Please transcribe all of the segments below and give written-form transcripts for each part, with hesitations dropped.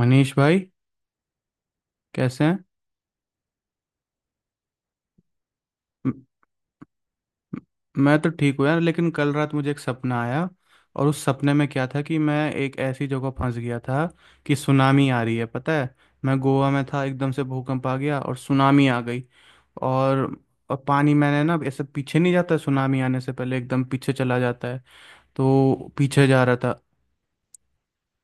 मनीष भाई कैसे हैं। म- म- मैं तो ठीक हूँ यार, लेकिन कल रात मुझे एक सपना आया। और उस सपने में क्या था कि मैं एक ऐसी जगह फंस गया था कि सुनामी आ रही है, पता है। मैं गोवा में था, एकदम से भूकंप आ गया और सुनामी आ गई। और और पानी मैंने ना ऐसे, पीछे नहीं जाता सुनामी आने से पहले एकदम पीछे चला जाता है, तो पीछे जा रहा था।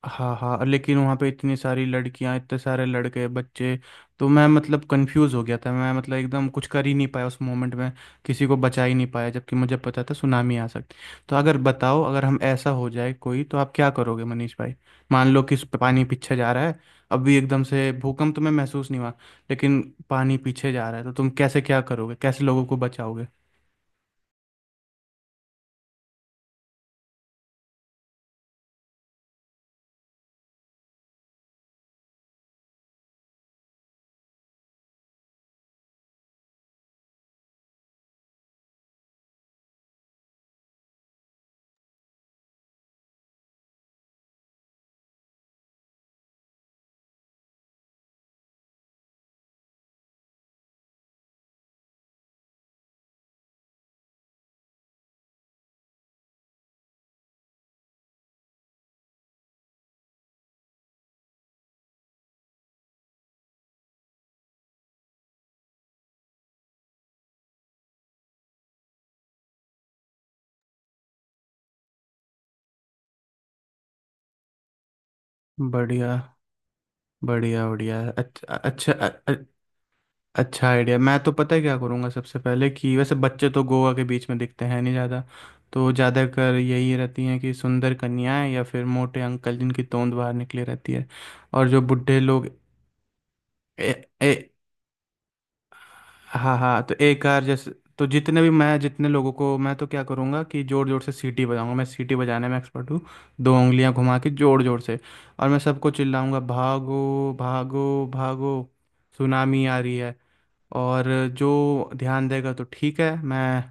हाँ हाँ, लेकिन वहाँ पे इतनी सारी लड़कियाँ, इतने सारे लड़के, बच्चे। तो मैं मतलब कंफ्यूज हो गया था, मैं मतलब एकदम कुछ कर ही नहीं पाया उस मोमेंट में, किसी को बचा ही नहीं पाया, जबकि मुझे पता था सुनामी आ सकती। तो अगर बताओ, अगर हम ऐसा हो जाए कोई, तो आप क्या करोगे मनीष भाई? मान लो कि इस पे पानी पीछे जा रहा है, अभी एकदम से भूकंप तुम्हें महसूस नहीं हुआ, लेकिन पानी पीछे जा रहा है, तो तुम कैसे क्या करोगे, कैसे लोगों को बचाओगे? बढ़िया, बढ़िया बढ़िया, अच्छा। अच्छा, अच्छा आइडिया। मैं तो पता है क्या करूँगा सबसे पहले कि वैसे बच्चे तो गोवा के बीच में दिखते हैं नहीं ज़्यादा। तो ज़्यादातर यही रहती हैं कि सुंदर कन्याएं या फिर मोटे अंकल जिनकी तोंद बाहर निकली रहती है, और जो बुढ़े लोग। ए, ए, हाँ हाँ, तो एक कार जैसे। तो जितने लोगों को, मैं तो क्या करूँगा कि जोर जोर से सीटी बजाऊंगा, मैं सीटी बजाने में एक्सपर्ट हूँ। दो उंगलियां घुमा के जोर जोर से, और मैं सबको चिल्लाऊंगा, भागो भागो भागो, सुनामी आ रही है। और जो ध्यान देगा तो ठीक है, मैं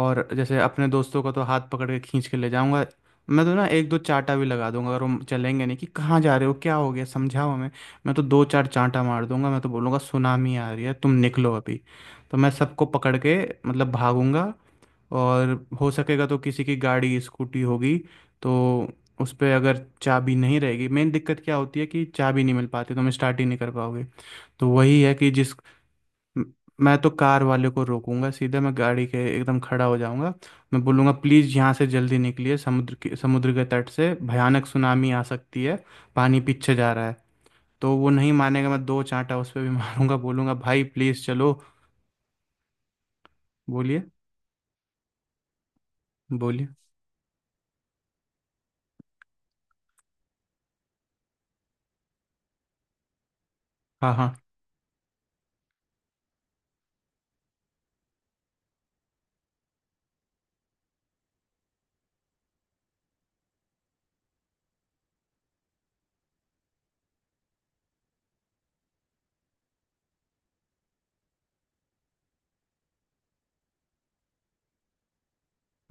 और जैसे अपने दोस्तों का तो हाथ पकड़ के खींच के ले जाऊंगा। मैं तो ना एक दो चांटा भी लगा दूंगा अगर वो चलेंगे नहीं, कि कहाँ जा रहे हो, क्या हो गया, समझाओ हमें। मैं तो दो चार चांटा मार दूंगा, मैं तो बोलूंगा सुनामी आ रही है, तुम निकलो अभी। तो मैं सबको पकड़ के मतलब भागूंगा। और हो सकेगा तो किसी की गाड़ी, स्कूटी होगी, तो उस पर अगर चाबी नहीं रहेगी। मेन दिक्कत क्या होती है कि चाबी नहीं मिल पाती, तो हम स्टार्ट ही नहीं कर पाओगे। तो वही है कि म- मैं तो कार वाले को रोकूंगा, सीधे मैं गाड़ी के एकदम खड़ा हो जाऊंगा। मैं बोलूंगा प्लीज़ यहाँ से जल्दी निकलिए, समुद्र के तट से भयानक सुनामी आ सकती है, पानी पीछे जा रहा है। तो वो नहीं मानेगा, मैं दो चांटा उस पर भी मारूंगा, बोलूंगा भाई प्लीज़ चलो। बोलिए। बोलिए। हाँ हाँ।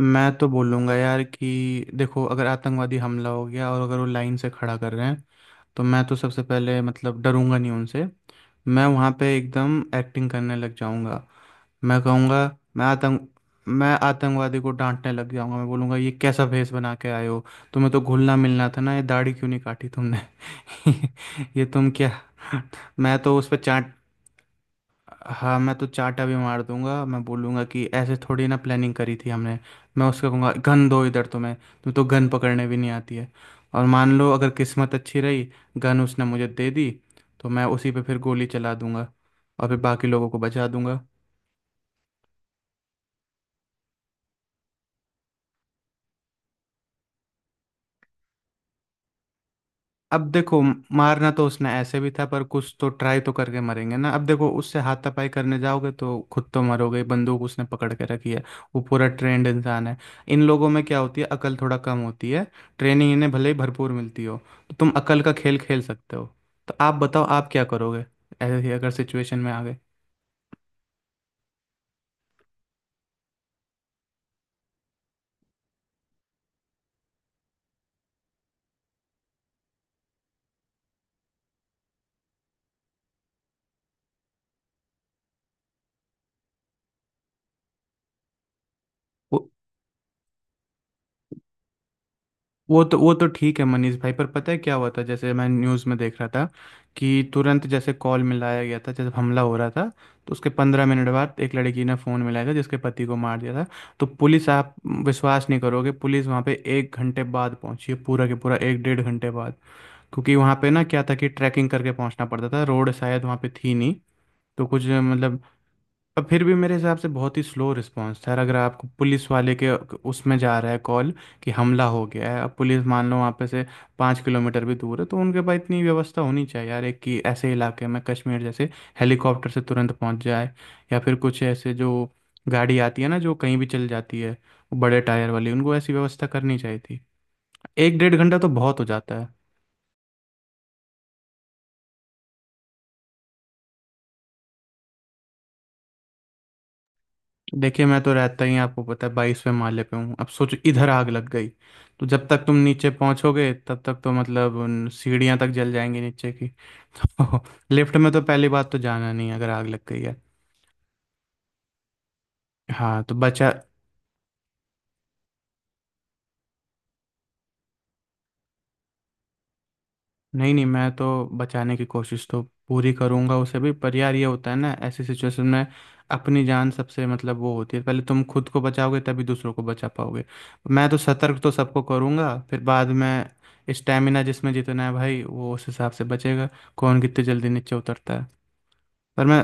मैं तो बोलूंगा यार कि देखो, अगर आतंकवादी हमला हो गया और अगर वो लाइन से खड़ा कर रहे हैं, तो मैं तो सबसे पहले मतलब डरूंगा नहीं उनसे। मैं वहाँ पे एकदम एक्टिंग करने लग जाऊंगा। मैं कहूँगा, मैं आतंक मैं आतंकवादी को डांटने लग जाऊंगा, मैं बोलूंगा ये कैसा भेष बना के आए हो, तुम्हें तो घुलना मिलना था ना, ये दाढ़ी क्यों नहीं काटी तुमने? ये तुम क्या! मैं तो उस पर चाट हाँ, मैं तो चाटा भी मार दूंगा, मैं बोलूंगा कि ऐसे थोड़ी ना प्लानिंग करी थी हमने। मैं उसको कहूँगा गन दो इधर, तुम्हें तुम्हें तो गन पकड़ने भी नहीं आती है। और मान लो अगर किस्मत अच्छी रही, गन उसने मुझे दे दी, तो मैं उसी पे फिर गोली चला दूंगा, और फिर बाकी लोगों को बचा दूंगा। अब देखो, मारना तो उसने ऐसे भी था, पर कुछ तो ट्राई तो करके मरेंगे ना। अब देखो, उससे हाथापाई करने जाओगे तो खुद तो मरोगे, बंदूक उसने पकड़ के रखी है, वो पूरा ट्रेंड इंसान है। इन लोगों में क्या होती है, अकल थोड़ा कम होती है, ट्रेनिंग इन्हें भले ही भरपूर मिलती हो। तो तुम अकल का खेल खेल सकते हो। तो आप बताओ आप क्या करोगे ऐसे ही अगर सिचुएशन में आ गए? वो तो ठीक है मनीष भाई, पर पता है क्या हुआ था, जैसे मैं न्यूज़ में देख रहा था कि तुरंत जैसे कॉल मिलाया गया था जब हमला हो रहा था, तो उसके 15 मिनट बाद एक लड़की ने फ़ोन मिलाया था जिसके पति को मार दिया था। तो पुलिस, आप विश्वास नहीं करोगे, पुलिस वहाँ पे एक घंटे बाद पहुंची है, पूरा के पूरा एक डेढ़ घंटे बाद। क्योंकि वहाँ पे ना क्या था कि ट्रैकिंग करके पहुंचना पड़ता था, रोड शायद वहाँ पे थी नहीं तो कुछ मतलब। पर फिर भी मेरे हिसाब से बहुत ही स्लो रिस्पांस था यार, अगर आपको पुलिस वाले के उसमें जा रहा है कॉल कि हमला हो गया है। अब पुलिस मान लो वहाँ पे से 5 किलोमीटर भी दूर है, तो उनके पास इतनी व्यवस्था होनी चाहिए यार एक, कि ऐसे इलाके में कश्मीर जैसे हेलीकॉप्टर से तुरंत पहुँच जाए, या फिर कुछ ऐसे जो गाड़ी आती है ना जो कहीं भी चल जाती है, वो बड़े टायर वाली, उनको ऐसी व्यवस्था करनी चाहिए थी। एक डेढ़ घंटा तो बहुत हो जाता है। देखिए, मैं तो रहता ही आपको पता है 22वें माले पे हूँ। अब सोचो इधर आग लग गई, तो जब तक तुम नीचे पहुंचोगे तब तक तो मतलब उन सीढ़ियां तक जल जाएंगी नीचे की तो लिफ्ट में तो पहली बात तो जाना नहीं है अगर आग लग गई है। हाँ, तो बचा। नहीं नहीं, मैं तो बचाने की कोशिश तो पूरी करूंगा उसे भी, पर यार ये होता है ना ऐसी सिचुएशन में, अपनी जान सबसे मतलब वो होती है, पहले तुम खुद को बचाओगे तभी दूसरों को बचा पाओगे। मैं तो सतर्क तो सबको करूंगा, फिर बाद में स्टेमिना जिसमें जितना है भाई वो उस हिसाब से बचेगा, कौन कितनी जल्दी नीचे उतरता है। पर मैं,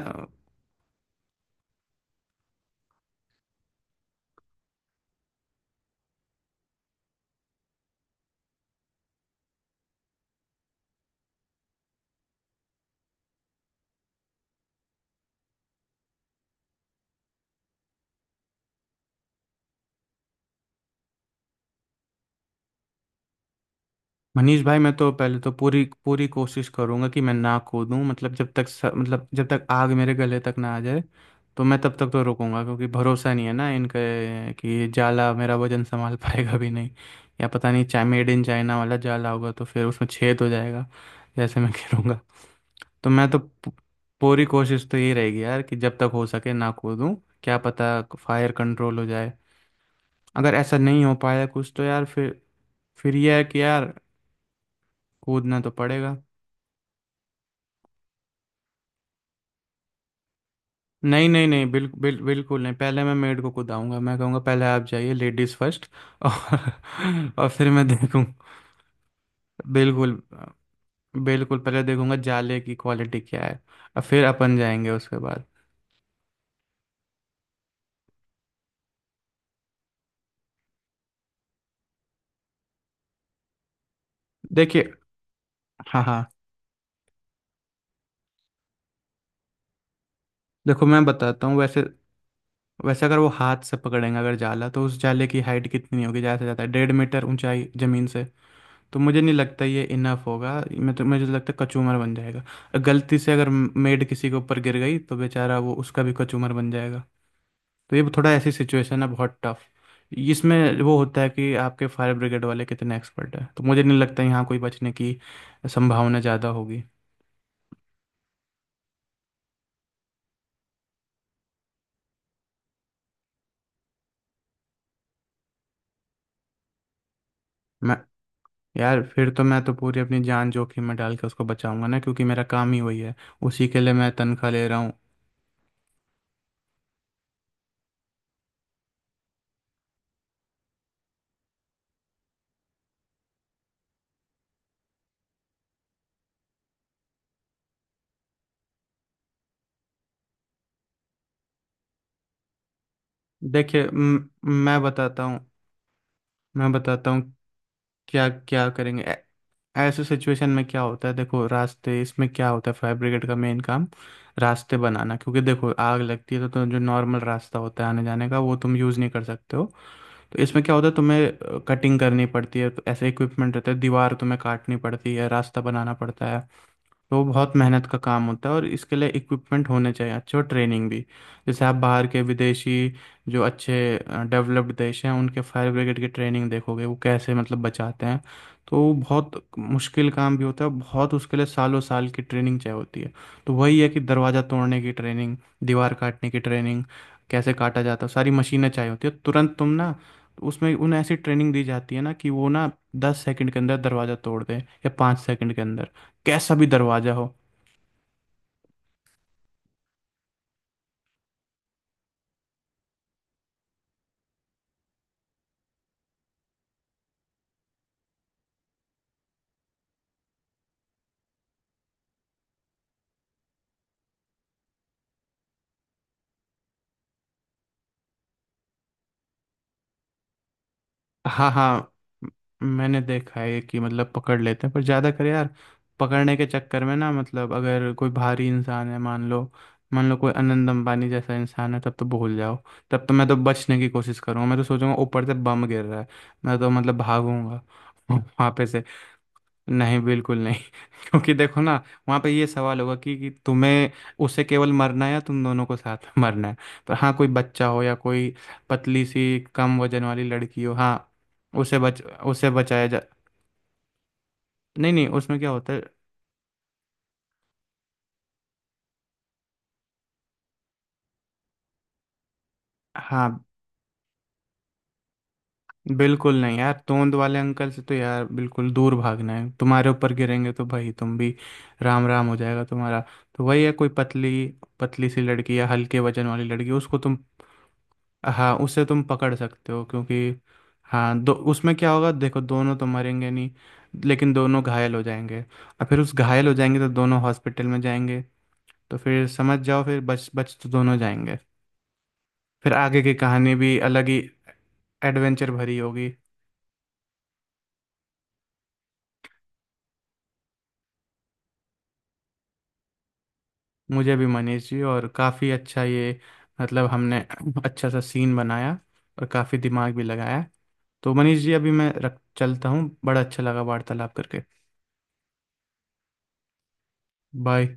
मनीष भाई, मैं तो पहले तो पूरी पूरी कोशिश करूंगा कि मैं ना कूदूं, मतलब मतलब जब तक आग मेरे गले तक ना आ जाए तो मैं तब तक तो रुकूंगा। क्योंकि भरोसा नहीं है ना इनके कि ये जाला मेरा वजन संभाल पाएगा भी नहीं, या पता नहीं, चाहे मेड इन चाइना वाला जाला होगा तो फिर उसमें छेद हो जाएगा, जैसे मैं गिरूंगा। तो पूरी कोशिश तो यही रहेगी यार कि जब तक हो सके ना कूदूं, क्या पता फायर कंट्रोल हो जाए। अगर ऐसा नहीं हो पाया कुछ तो यार फिर यह है कि यार कूदना तो पड़ेगा। नहीं नहीं नहीं बिल्कुल नहीं, पहले मैं मेड को कुदाऊंगा। मैं कहूंगा पहले आप जाइए, लेडीज फर्स्ट। और और फिर मैं देखूं। बिल्कुल, बिल्कुल पहले देखूंगा जाले की क्वालिटी क्या है, और फिर अपन जाएंगे उसके बाद। देखिए, हाँ हाँ, देखो मैं बताता हूँ वैसे। वैसे अगर वो हाथ से पकड़ेंगे अगर जाला, तो उस जाले की हाइट कितनी होगी, ज़्यादा से ज़्यादा 1.5 मीटर ऊंचाई ज़मीन से। तो मुझे नहीं लगता ये इनफ होगा, मैं तो मुझे तो लगता है कचूमर बन जाएगा। गलती से अगर मेड किसी के ऊपर गिर गई तो बेचारा वो उसका भी कचूमर बन जाएगा। तो ये थोड़ा ऐसी सिचुएशन है बहुत टफ। इसमें वो होता है कि आपके फायर ब्रिगेड वाले कितने एक्सपर्ट हैं, तो मुझे नहीं लगता यहाँ कोई बचने की संभावना ज़्यादा होगी। मैं, यार फिर तो मैं तो पूरी अपनी जान जोखिम में डाल के उसको बचाऊंगा ना, क्योंकि मेरा काम ही वही है, उसी के लिए मैं तनख्वाह ले रहा हूँ। देखिए, मैं बताता हूँ, मैं बताता हूँ क्या क्या करेंगे ऐसे सिचुएशन में। क्या होता है, देखो रास्ते, इसमें क्या होता है फायर ब्रिगेड का मेन काम, रास्ते बनाना। क्योंकि देखो आग लगती है तो जो नॉर्मल रास्ता होता है आने जाने का, वो तुम यूज़ नहीं कर सकते हो। तो इसमें क्या होता है तुम्हें कटिंग करनी पड़ती है, तो ऐसे इक्विपमेंट रहता है, दीवार तुम्हें काटनी पड़ती है, रास्ता बनाना पड़ता है। तो बहुत मेहनत का काम होता है, और इसके लिए इक्विपमेंट होने चाहिए अच्छे, और ट्रेनिंग भी। जैसे आप बाहर के विदेशी जो अच्छे डेवलप्ड देश हैं उनके फायर ब्रिगेड की ट्रेनिंग देखोगे वो कैसे मतलब बचाते हैं। तो वो बहुत मुश्किल काम भी होता है बहुत, उसके लिए सालों साल की ट्रेनिंग चाहिए होती है। तो वही है कि दरवाज़ा तोड़ने की ट्रेनिंग, दीवार काटने की ट्रेनिंग, कैसे काटा जाता है, सारी मशीनें चाहिए होती है तुरंत, तुम ना उसमें उन्हें ऐसी ट्रेनिंग दी जाती है ना कि वो ना 10 सेकंड के अंदर दरवाज़ा तोड़ दें या 5 सेकंड के अंदर, कैसा भी दरवाजा हो। हाँ हाँ। म- मैंने देखा है कि मतलब पकड़ लेते हैं, पर ज़्यादा कर यार पकड़ने के चक्कर में ना, मतलब अगर कोई भारी इंसान है, मान लो, मान लो कोई अनंत अंबानी जैसा इंसान है तब तो भूल जाओ। तब तो मैं तो बचने की कोशिश करूंगा, मैं तो सोचूंगा ऊपर से बम गिर रहा है, मैं तो मतलब भागूंगा वहाँ पे से। नहीं बिल्कुल नहीं क्योंकि देखो ना, वहाँ पे ये सवाल होगा कि तुम्हें, उसे केवल मरना है या तुम दोनों को साथ में मरना है। तो हाँ, कोई बच्चा हो या कोई पतली सी कम वजन वाली लड़की हो, हाँ उसे बचाया जा। नहीं नहीं, उसमें क्या होता है, हाँ, बिल्कुल नहीं यार, तोंद वाले अंकल से तो यार बिल्कुल दूर भागना है, तुम्हारे ऊपर गिरेंगे तो भाई तुम भी राम राम हो जाएगा तुम्हारा। तो वही है, कोई पतली, पतली सी लड़की या हल्के वजन वाली लड़की उसको तुम, हाँ उससे तुम पकड़ सकते हो, क्योंकि हाँ दो, उसमें क्या होगा देखो, दोनों तो मरेंगे नहीं, लेकिन दोनों घायल हो जाएंगे, और फिर उस घायल हो जाएंगे तो दोनों हॉस्पिटल में जाएंगे। तो फिर समझ जाओ, फिर बच बच तो दोनों जाएंगे। फिर आगे की कहानी भी अलग ही एडवेंचर भरी होगी। मुझे भी मनीष जी, और काफ़ी अच्छा ये मतलब हमने अच्छा सा सीन बनाया, और काफ़ी दिमाग भी लगाया। तो मनीष जी अभी मैं रख चलता हूँ, बड़ा अच्छा लगा वार्तालाप करके। बाय।